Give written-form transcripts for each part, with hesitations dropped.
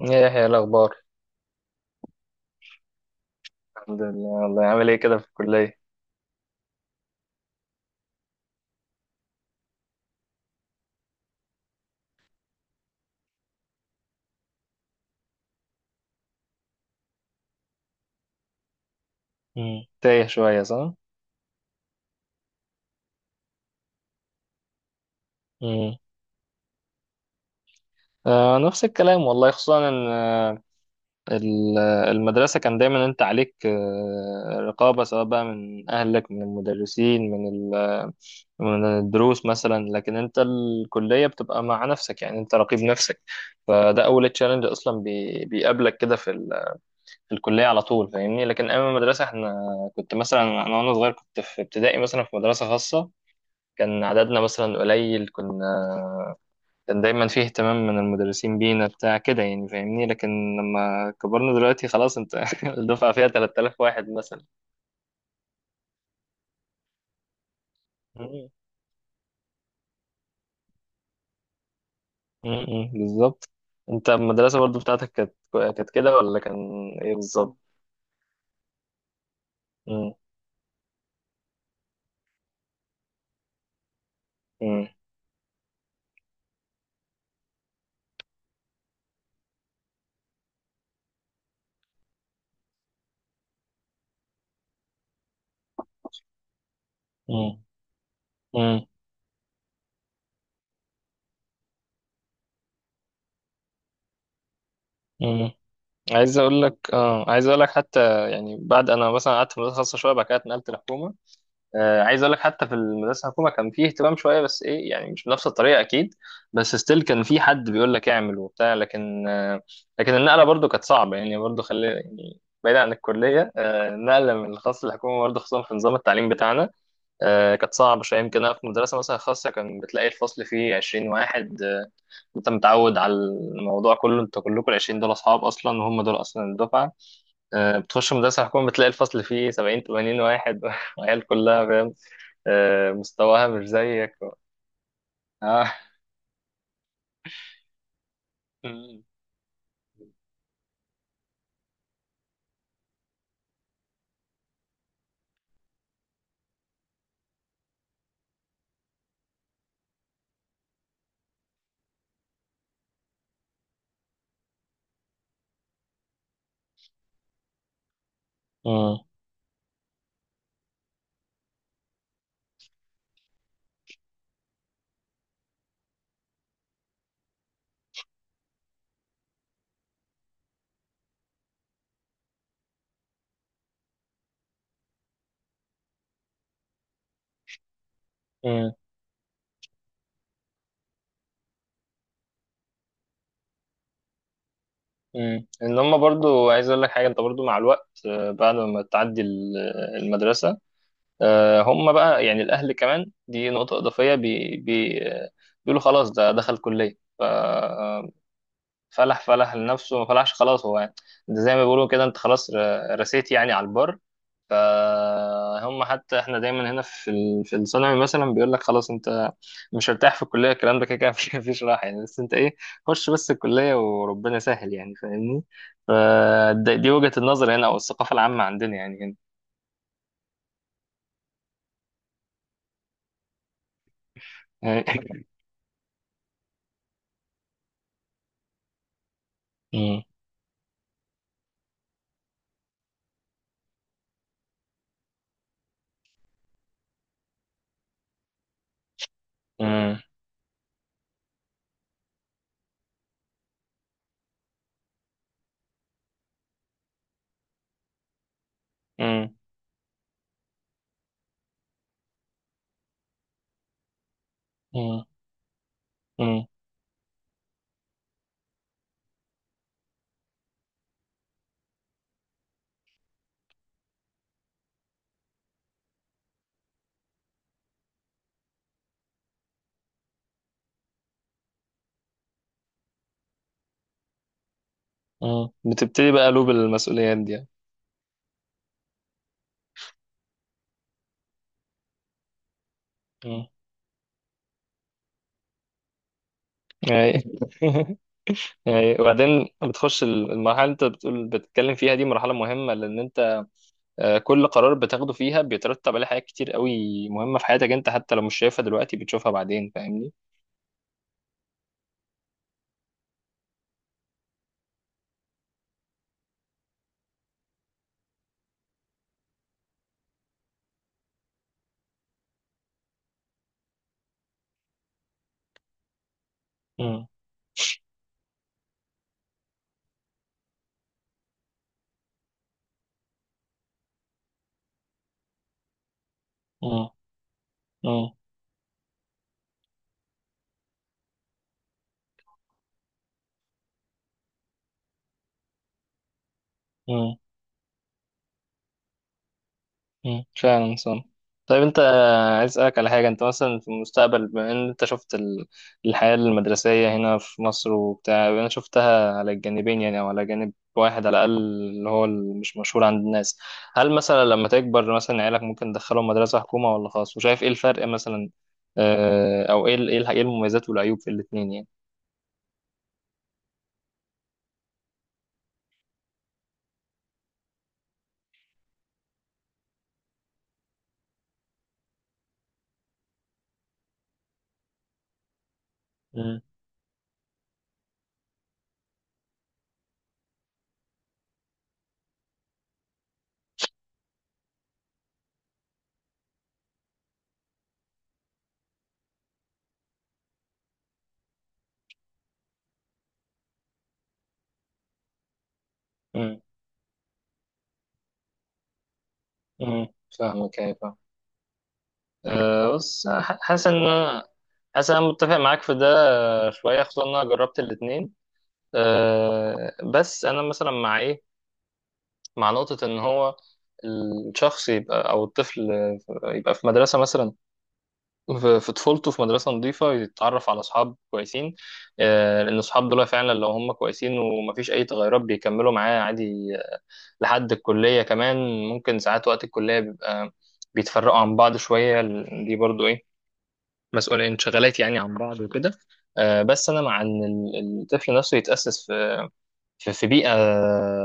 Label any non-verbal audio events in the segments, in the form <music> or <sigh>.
ايه يا يحيى، إيه الاخبار؟ الحمد لله. والله عامل ايه كده في الكليه؟ مم. تايه شويه، صح؟ امم. آه، نفس الكلام والله، خصوصا ان المدرسه كان دايما انت عليك رقابه، سواء بقى من اهلك، من المدرسين، من الدروس مثلا، لكن انت الكليه بتبقى مع نفسك، يعني انت رقيب نفسك. فده اول تشالنج اصلا بيقابلك كده في الكليه على طول، فاهمني. لكن ايام المدرسه، احنا كنت مثلا، انا وانا صغير كنت في ابتدائي مثلا، في مدرسه خاصه، كان عددنا مثلا قليل. كان دايما فيه اهتمام من المدرسين بينا، بتاع كده يعني، فاهمني. لكن لما كبرنا دلوقتي خلاص، انت <laughs> الدفعة فيها 3000 واحد مثلا. مم. مم. بالظبط. انت المدرسة برضو بتاعتك كانت كده، ولا كان ايه بالظبط؟ مم. مم. مم. مم. مم. عايز اقول لك حتى، يعني بعد، انا مثلا قعدت في مدرسة خاصة شوية، بعد كده اتنقلت لحكومة. عايز اقول لك حتى في المدرسه الحكومه كان فيه اهتمام شويه، بس ايه يعني، مش بنفس الطريقه اكيد، بس ستيل كان في حد بيقول لك اعمل وبتاع، لكن النقله برضو كانت صعبه، يعني برضو خلي يعني بعيد عن الكليه. النقله من الخاص للحكومه برضو، خصوصا في نظام التعليم بتاعنا، كانت صعبه شويه. يمكن انا في مدرسه مثلا خاصه، كان بتلاقي الفصل فيه 20 واحد، انت متعود على الموضوع كله، انت كلكم ال 20 دول اصحاب اصلا، وهم دول اصلا الدفعه. بتخش مدرسه حكومه، بتلاقي الفصل فيه 70 80 واحد <laughs> وعيال كلها، فاهم، مستواها مش زيك. اه. مم. مم. مم. مم. ان هم برضو عايز اقول لك حاجه، انت برضو مع الوقت، بعد ما تعدي المدرسه، هم بقى، يعني الاهل كمان، دي نقطه اضافيه، بي بي آه، بيقولوا خلاص ده دخل كليه، فلح فلح لنفسه، ما فلحش خلاص هو يعني. ده زي ما بيقولوا كده، انت خلاص رسيت يعني على البر. فهم حتى احنا دايما هنا في الثانوي مثلا، بيقول لك خلاص انت مش هرتاح في الكليه، الكلام ده كده كده مفيش راحه يعني، بس انت ايه، خش بس الكليه وربنا سهل، يعني فاهمني. فدي وجهه النظر هنا، او الثقافه العامه عندنا يعني. هنا. <laughs> مم. مم. مم. مم. مم. مم. بتبتدي بقى قلوب المسؤوليات دي يعني. مم. أي. <laughs> أي. وبعدين بتخش المرحله اللي انت بتقول بتتكلم فيها، دي مرحله مهمه، لان انت كل قرار بتاخده فيها بيترتب عليه حاجات كتير قوي مهمة في حياتك انت، حتى لو مش شايفها دلوقتي بتشوفها بعدين، فاهمني. مم. مم. مم. مم. فعلا صح. طيب انت، عايز اسالك على حاجه. انت مثلا في المستقبل، بما ان انت شفت الحياه المدرسيه هنا في مصر وبتاع، انا شفتها على الجانبين، يعني او على جانب واحد على الاقل، اللي هو مش مشهور عند الناس. هل مثلا لما تكبر مثلا عيالك ممكن تدخلهم مدرسه حكومه ولا خاص؟ وشايف ايه الفرق مثلا، او ايه إيه المميزات والعيوب في الاثنين يعني؟ امم. امم. فاهمك. أيوة، فاهم. بص، حاسس ان انا متفق معاك في ده. شويه، خصوصا ان انا جربت الاثنين. بس انا مثلا مع ايه، مع نقطه ان هو الشخص يبقى، او الطفل، يبقى في مدرسه مثلا، في طفولته، في مدرسه نظيفه، يتعرف على اصحاب كويسين، لان الاصحاب دول فعلا لو هم كويسين ومفيش اي تغيرات، بيكملوا معاه عادي، لحد الكليه كمان. ممكن ساعات وقت الكليه بيبقى بيتفرقوا عن بعض شويه، دي برضو ايه، مسؤولين انشغالات يعني عن بعض وكده. بس انا مع ان الطفل نفسه يتاسس في بيئه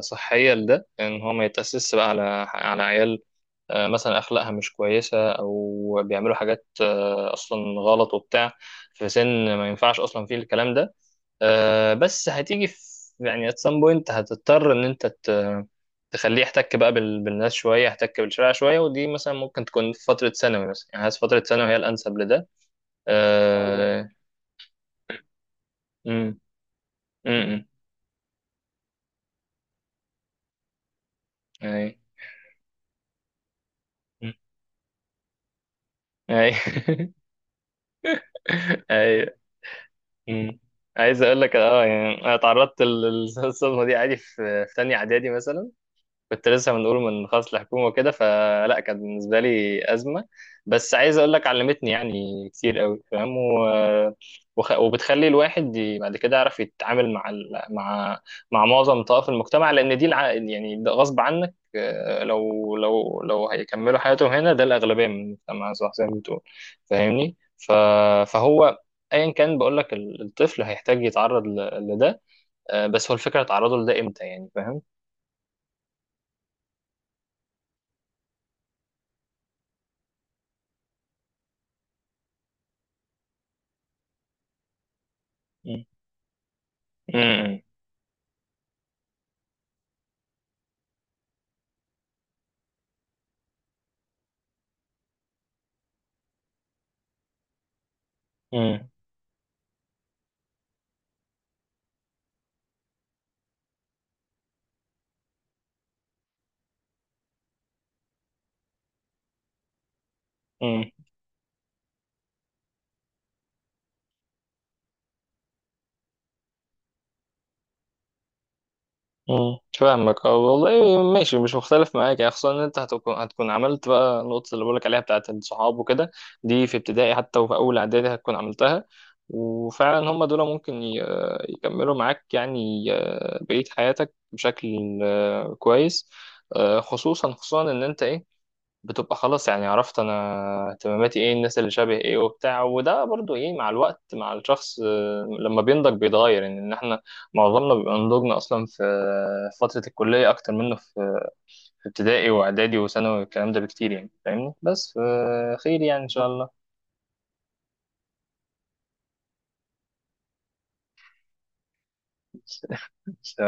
صحيه، لده ان هو ما يتاسس بقى على عيال مثلا اخلاقها مش كويسه، او بيعملوا حاجات اصلا غلط وبتاع، في سن ما ينفعش اصلا فيه الكلام ده، بس هتيجي في، يعني at some point هتضطر ان انت تخليه يحتك بقى بالناس شويه، يحتك بالشارع شويه. ودي مثلا ممكن تكون في فتره ثانوي مثلا، يعني حاسس فتره ثانوي هي الانسب لده. آه، امم. امم. اي. مم. اي. <laughs> اي. امم. عايز اقول لك يعني، انا اتعرضت <laughs> للصدمه دي عادي في تانية اعدادي مثلا، كنت لسه بنقول من خاص الحكومة وكده، فلا كانت بالنسبة لي أزمة، بس عايز أقول لك علمتني يعني كتير قوي، فاهم، وبتخلي الواحد بعد كده يعرف يتعامل مع معظم طوائف المجتمع، لأن دي يعني ده غصب عنك، لو هيكملوا حياتهم هنا، ده الأغلبية من المجتمع، صح زي ما بتقول، فاهمني، فهو ايا كان، بقول لك الطفل هيحتاج يتعرض لده. بس هو الفكرة، تعرضه لده امتى يعني، فاهم؟ مم. امم. امم. امم. فاهمك، اه والله ماشي، مش مختلف معاك يعني، خصوصا ان انت هتكون عملت بقى النقطة اللي بقولك عليها بتاعت الصحاب وكده، دي في ابتدائي حتى، وفي اول اعدادي هتكون عملتها. وفعلا هم دول ممكن يكملوا معاك يعني بقية حياتك بشكل كويس، خصوصا خصوصا ان انت ايه، بتبقى خلاص يعني، عرفت انا اهتماماتي ايه، الناس اللي شبه ايه وبتاع، وده برضو ايه، مع الوقت مع الشخص، لما بينضج بيتغير. يعني ان احنا معظمنا بيبقى نضجنا اصلا في فترة الكلية، اكتر منه في ابتدائي واعدادي وثانوي والكلام ده بكتير، يعني فاهمني، بس خير يعني ان شاء الله. <laughs>